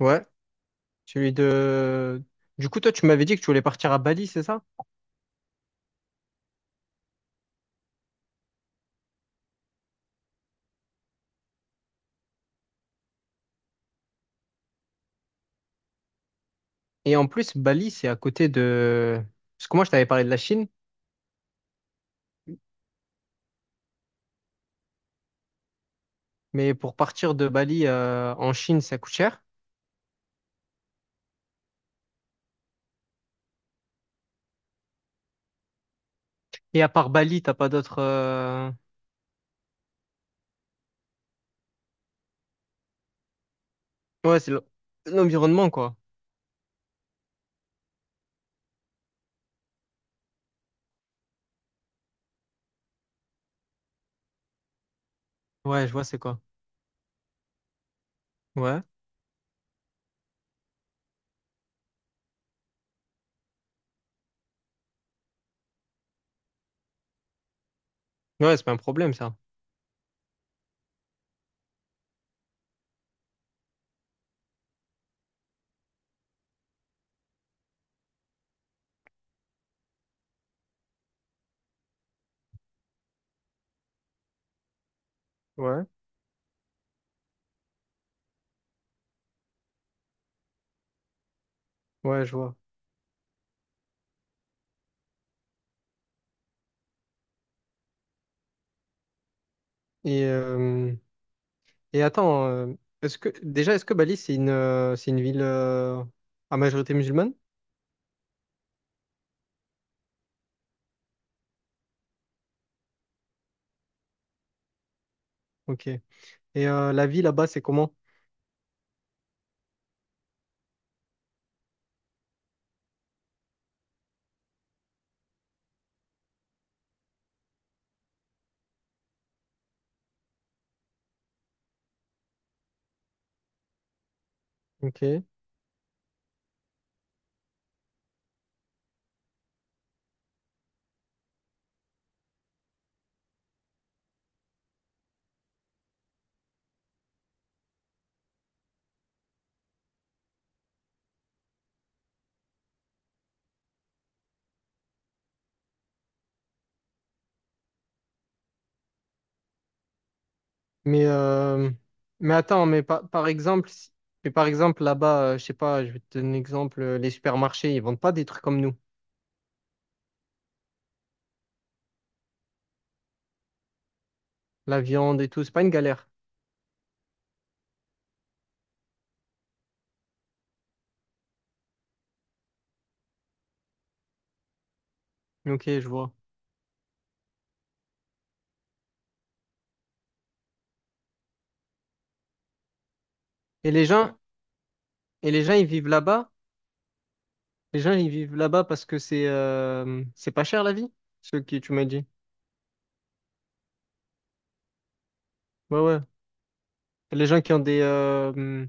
Ouais, celui de... Du coup, toi, tu m'avais dit que tu voulais partir à Bali, c'est ça? Et en plus, Bali, c'est à côté de... Parce que moi, je t'avais parlé de la Chine, mais pour partir de Bali en Chine, ça coûte cher. Et à part Bali, t'as pas d'autres Ouais, c'est l'environnement, quoi. Ouais, je vois, c'est quoi. Ouais. Ouais, c'est pas un problème, ça. Ouais. Ouais, je vois. Et, euh, et attends, est-ce que, déjà, est-ce que Bali, c'est c'est une ville à majorité musulmane? Ok. Et la vie là-bas, c'est comment? Ok. Mais, euh, mais attends, mais par exemple, mais par exemple, là-bas, je sais pas, je vais te donner un exemple, les supermarchés, ils vendent pas des trucs comme nous. La viande et tout, c'est pas une galère. Ok, je vois. Et les gens, et les gens, ils vivent là-bas? Les gens, ils vivent là-bas parce que c'est pas cher la vie, ce que tu m'as dit. Ouais, ouais. Les gens qui ont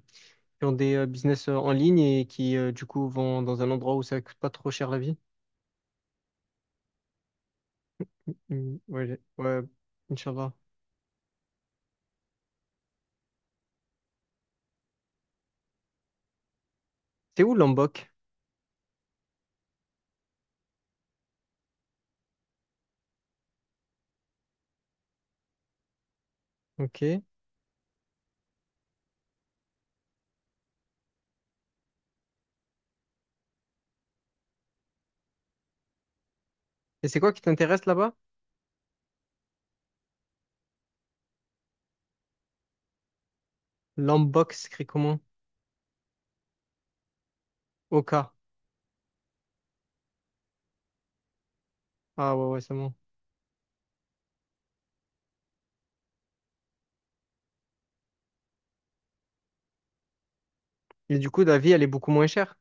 qui ont des business en ligne et qui, du coup, vont dans un endroit où ça coûte pas trop cher la vie. Ouais, Inch'Allah. C'est où Lombok? Ok. Et c'est quoi qui t'intéresse là-bas? Lombok, c'est écrit comment? Ok. Ah ouais, ouais, c'est bon. Et du coup, la vie, elle est beaucoup moins chère.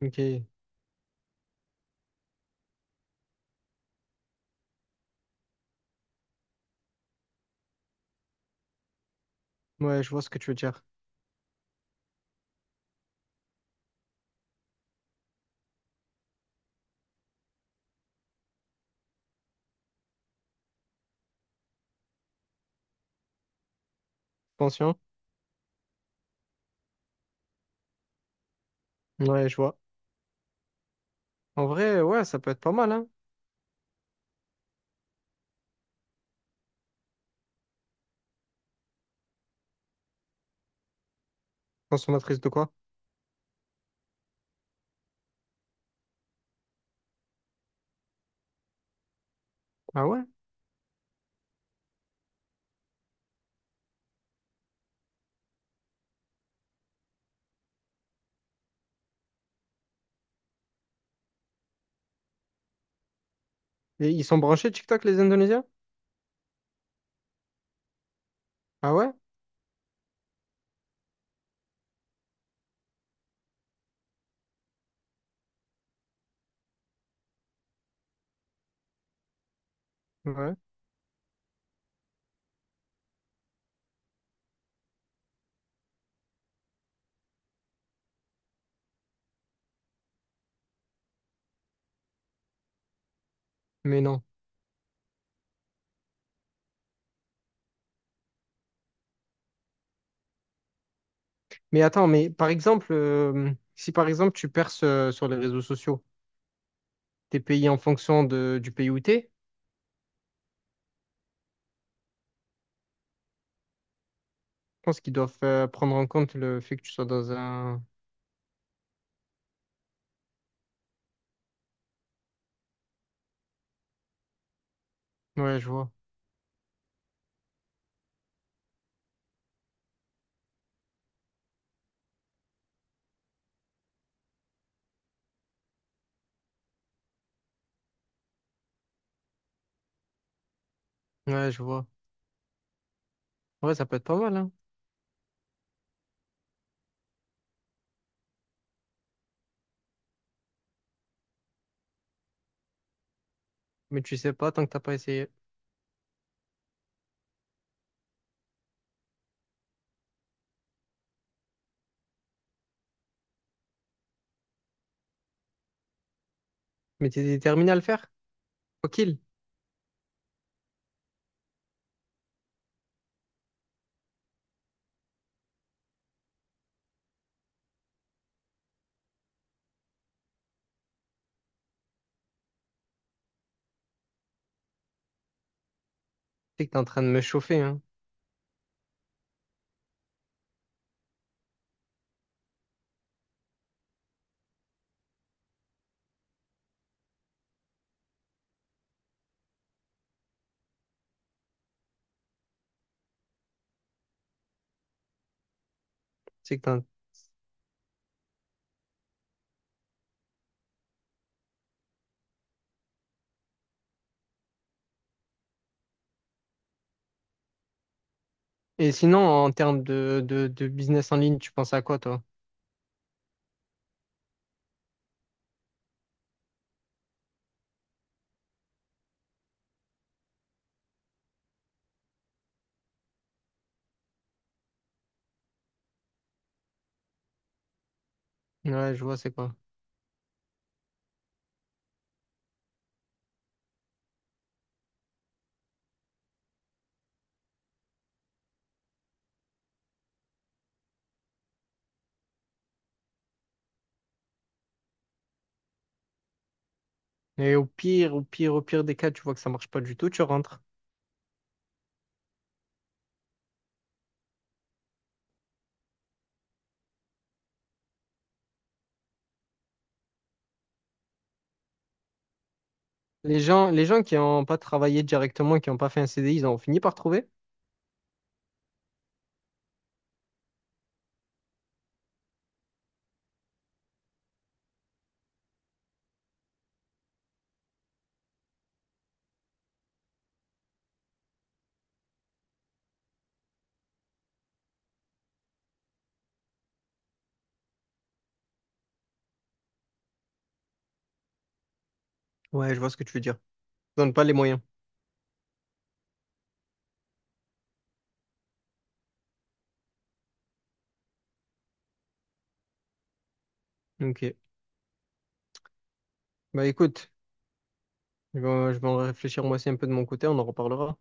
Ok. Ouais, je vois ce que tu veux dire. Pension? Ouais, je vois. En vrai, ouais, ça peut être pas mal, hein. Consommatrice de quoi? Ah ouais? Et ils sont branchés TikTok, les Indonésiens? Ah ouais? Ouais. Mais non. Mais attends, mais par exemple, si par exemple tu perces sur les réseaux sociaux, t'es payé en fonction de, du pays où t'es, je pense qu'ils doivent prendre en compte le fait que tu sois dans un... Ouais, je vois. Ouais, je vois. Ouais, ça peut être pas mal, hein. Mais tu sais pas tant que t'as pas essayé. Mais t'es déterminé à le faire? Tranquille. Tu sais que t'es en train de me chauffer, hein. Tu sais que Et sinon, en termes de, de business en ligne, tu penses à quoi, toi? Ouais, je vois, c'est quoi. Et au pire, au pire, au pire des cas, tu vois que ça marche pas du tout, tu rentres. Les gens qui n'ont pas travaillé directement, qui n'ont pas fait un CDI, ils ont fini par trouver? Ouais, je vois ce que tu veux dire. Ils donnent pas les moyens. Ok. Bah écoute, je vais en réfléchir moi aussi un peu de mon côté, on en reparlera.